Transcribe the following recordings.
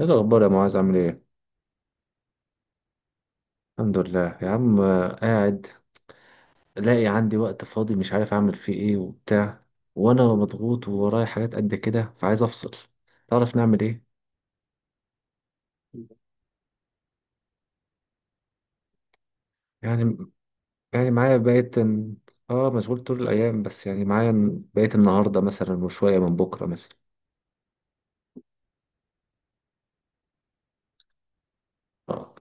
ايه الاخبار يا معاذ، عامل ايه؟ الحمد لله يا عم، قاعد لاقي عندي وقت فاضي، مش عارف اعمل فيه ايه وبتاع. وانا مضغوط وورايا حاجات قد كده فعايز افصل. تعرف نعمل ايه؟ يعني. يعني معايا بقيت اه مشغول طول الايام، بس يعني معايا بقيت النهارده مثلا وشويه من بكره مثلا. اه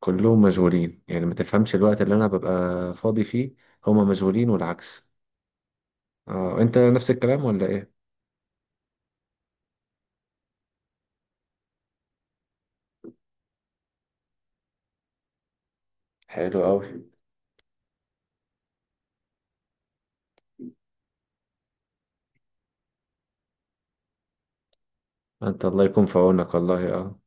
كلهم مشغولين، يعني ما تفهمش الوقت اللي انا ببقى فاضي فيه، هما مشغولين والعكس. اه، انت نفس الكلام ولا ايه؟ حلو قوي. انت الله يكون في عونك والله اه.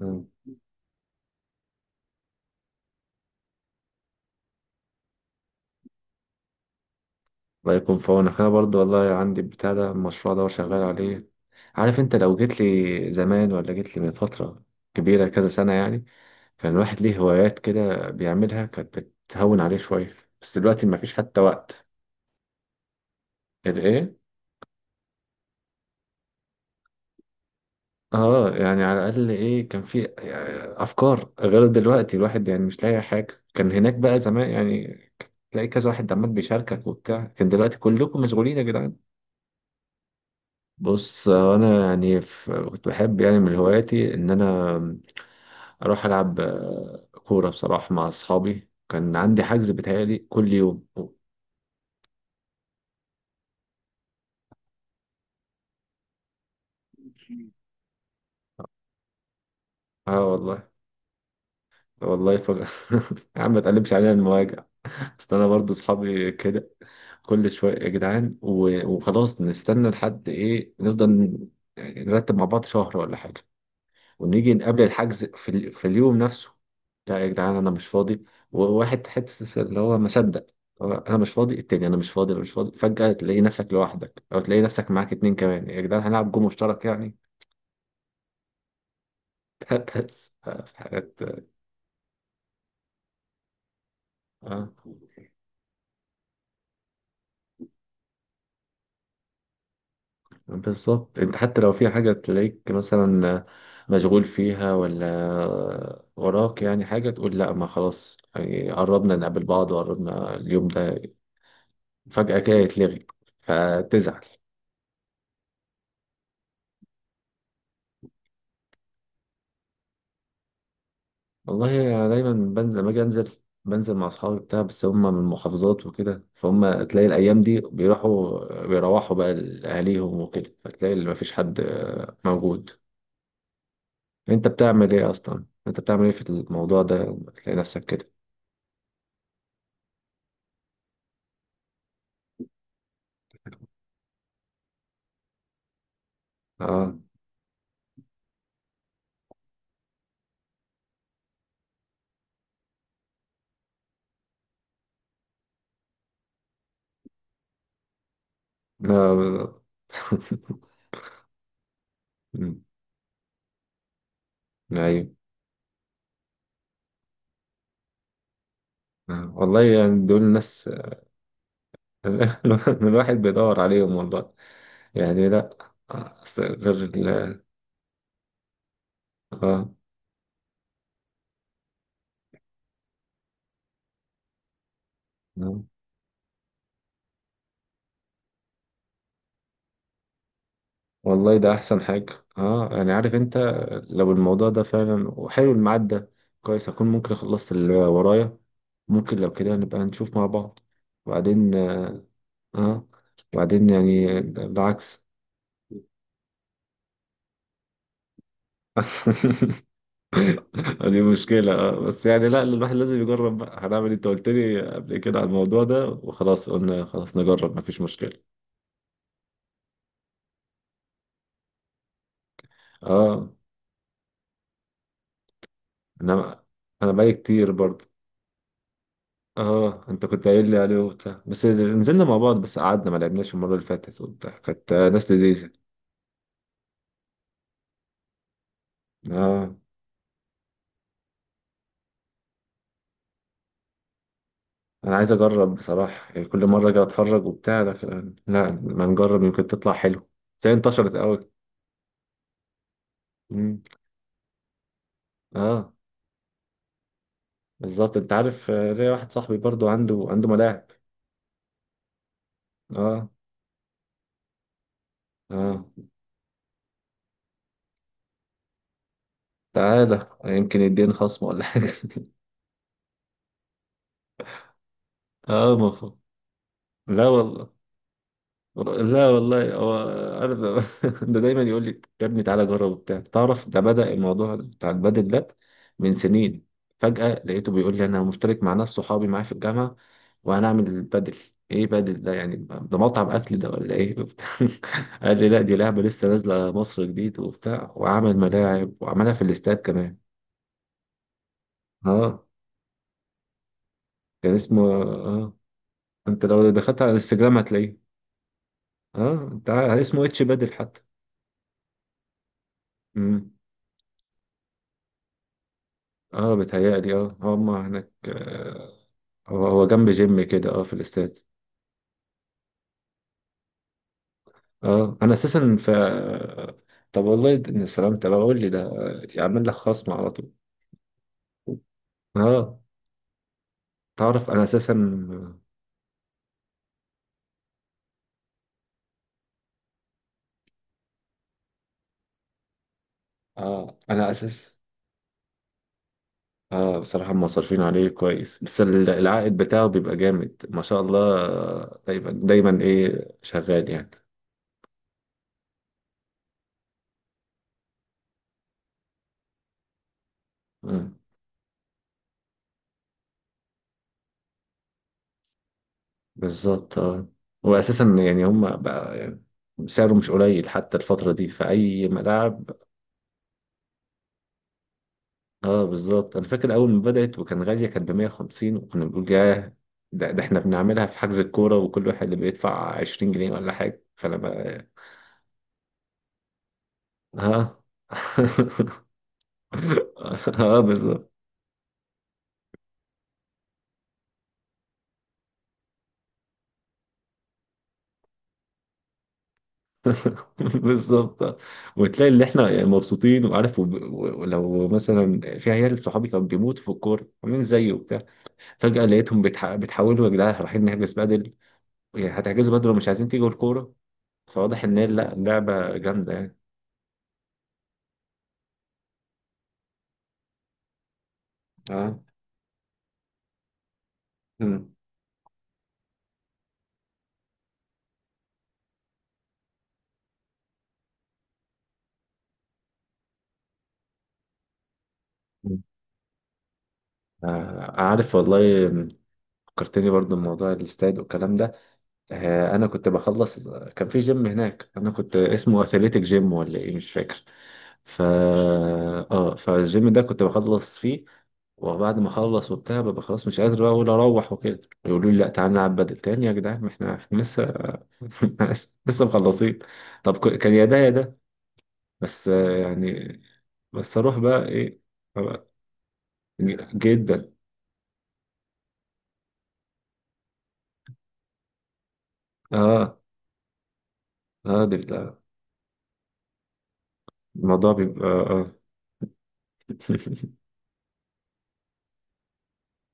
آه. الله يكون في عونك. انا برضه والله عندي البتاع ده، المشروع ده وشغال عليه. عارف، انت لو جيت لي زمان ولا جيت لي من فترة كبيرة كذا سنة يعني، كان الواحد ليه هوايات كده بيعملها كانت بتهون عليه شوية. بس دلوقتي مفيش حتى وقت. الايه؟ اه يعني على الاقل ايه، كان في افكار غير دلوقتي. الواحد يعني مش لاقي حاجة. كان هناك بقى زمان يعني تلاقي كذا واحد عمال بيشاركك وبتاع. كان دلوقتي كلكم مشغولين يا جدعان. بص انا يعني كنت بحب يعني من هواياتي ان انا اروح العب كوره بصراحه مع اصحابي. كان عندي حجز بيتهيألي كل يوم. اه والله. والله يا عم، ما تقلبش علينا المواجع. اصل انا برضو اصحابي كده كل شويه يا جدعان وخلاص نستنى لحد ايه. نفضل يعني نرتب مع بعض شهر ولا حاجه، ونيجي قبل الحجز في اليوم نفسه. لا يا جدعان انا مش فاضي. وواحد حته اللي هو ما صدق، هو انا مش فاضي، التاني انا مش فاضي، انا مش فاضي. فجأة تلاقي نفسك لوحدك، او تلاقي نفسك معاك اتنين كمان. يا جدعان هنلعب جو مشترك يعني. بس في حاجات. آه. بالظبط. انت حتى لو في حاجة تلاقيك مثلا مشغول فيها ولا وراك يعني حاجة، تقول لا ما خلاص يعني قربنا نقابل بعض وقربنا اليوم ده، فجأة كده يتلغي فتزعل. والله أنا دايما بنزل، لما أجي أنزل بنزل مع أصحابي بتاع، بس هم من المحافظات وكده، فهم تلاقي الأيام دي بيروحوا بيروحوا بقى لأهاليهم وكده، فتلاقي اللي مفيش حد موجود. أنت بتعمل إيه أصلا؟ أنت بتعمل إيه في الموضوع ده لما تلاقي نفسك كده؟ آه لا. مم. أيوه. آه. والله يعني دول ناس. الواحد بيدور عليهم والله. يعني لا. أصل غير آه. آه. والله ده احسن حاجه، اه يعني عارف انت، لو الموضوع ده فعلا وحلو الميعاد ده، كويس اكون ممكن خلصت اللي ورايا. ممكن لو كده نبقى نشوف مع بعض وبعدين. اه. وبعدين يعني بالعكس. دي مشكلة اه، بس يعني لا الواحد لازم يجرب بقى، هنعمل إيه؟ انت قلت لي قبل كده على الموضوع ده وخلاص قلنا خلاص نجرب، مفيش مشكلة. اه انا انا بقالي كتير برضه. اه، انت كنت قايل لي عليه وبتاع، بس نزلنا مع بعض بس قعدنا ما لعبناش المره اللي فاتت وبتاع. كانت ناس لذيذه. اه انا عايز اجرب بصراحه، يعني كل مره اجي اتفرج وبتاع، لكن لا ما نجرب يمكن تطلع حلو. بس هي انتشرت قوي. مم. اه بالظبط. انت عارف ليا واحد صاحبي برضو عنده ملاعب. اه. اه. تعالى يمكن يديني خصم ولا حاجه. اه مفهوم. لا والله. لا والله هو، انا ده دايما يقول لي يا ابني تعالى جرب وبتاع. تعرف ده بدأ الموضوع بتاع البادل ده من سنين. فجأة لقيته بيقول لي انا مشترك مع ناس صحابي معايا في الجامعة، وهنعمل البادل. ايه بادل ده يعني؟ ده مطعم اكل ده ولا ايه وبتاع؟ قال لي لا دي لعبة لسه نازلة مصر جديد وبتاع، وعمل ملاعب وعملها في الاستاد كمان. اه كان اسمه اه. انت لو دخلت على الانستجرام هتلاقيه. اه اسمه اتش بادل حتى. مم. اه بيتهيألي اه هم هناك هو جنب جيم كده اه في الاستاد. اه انا اساسا طب والله ان سلام. طب اقول لي ده يعمل لك خصم على طول. اه تعرف انا اساسا. اه انا اساس. اه بصراحة مصرفين عليه كويس، بس العائد بتاعه بيبقى جامد ما شاء الله. دايما دايما ايه شغال يعني. آه. بالظبط اه. واساسا يعني هم بقى يعني سعره مش قليل حتى الفترة دي في أي ملاعب. اه بالظبط. انا فاكر اول ما بدات وكان غاليه كانت ب 150 وكنا بنقول ياه. ده احنا بنعملها في حجز الكوره، وكل واحد اللي بيدفع 20 جنيه ولا حاجه، فانا بقى. ها. اه بالظبط. بالظبط. وتلاقي اللي احنا يعني مبسوطين وعارف ولو مثلا في عيال صحابي كانوا بيموتوا في الكوره عاملين زيي وبتاع، فجاه لقيتهم بتحولوا يا جدعان رايحين نحجز بدل. يعني هتحجزوا بدل ومش عايزين تيجوا الكوره. فواضح ان هي لا، اللعبه جامده يعني. اه. مم. عارف والله. فكرتني برضو بموضوع الاستاد والكلام ده. انا كنت بخلص. كان في جيم هناك انا كنت اسمه اثليتيك جيم ولا ايه مش فاكر. ف اه فالجيم ده كنت بخلص فيه، وبعد ما اخلص وبتاع ببقى خلاص مش قادر بقى اقول اروح، وكده يقولوا لي لا تعالى نلعب بدل تاني يا جدعان ما احنا لسه. لسه مخلصين. طب كان يا ده يا ده، بس يعني، بس اروح بقى ايه؟ أبقى- جدا. اه. اه ده الموضوع بيبقى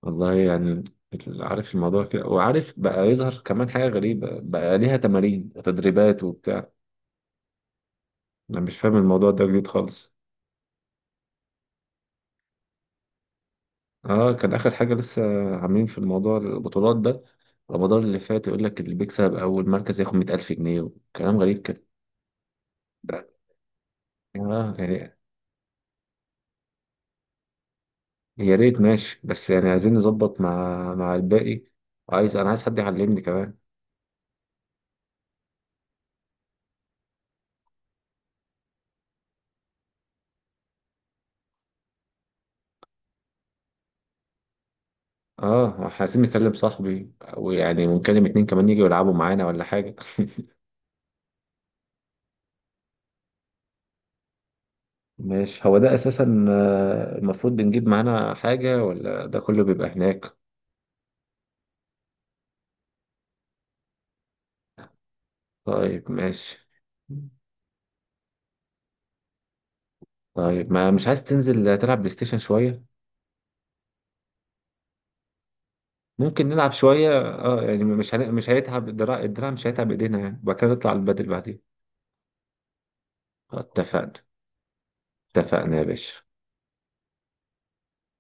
والله يعني. عارف الموضوع كده، وعارف بقى يظهر كمان حاجة غريبة بقى ليها تمارين وتدريبات وبتاع. أنا مش فاهم الموضوع ده جديد خالص. اه كان آخر حاجة لسه عاملين في الموضوع البطولات ده، رمضان اللي فات يقول لك اللي بيكسب أول مركز ياخد 100,000 جنيه وكلام غريب كده. ده اه يعني يا ريت ماشي، بس يعني عايزين نظبط مع الباقي، أنا عايز حد يعلمني كمان. اه احنا عايزين نكلم صاحبي، ويعني ونكلم اتنين كمان يجوا يلعبوا معانا ولا حاجة. ماشي هو ده اساسا المفروض بنجيب معانا حاجة ولا ده كله بيبقى هناك؟ طيب ماشي. طيب ما مش عايز تنزل تلعب بلاي ستيشن شوية؟ ممكن نلعب شوية اه يعني مش هيتعب الدراع، الدراع مش هيتعب ايدينا يعني، وبعد كده نطلع البدل بعدين. اتفقنا. اتفقنا يا باشا.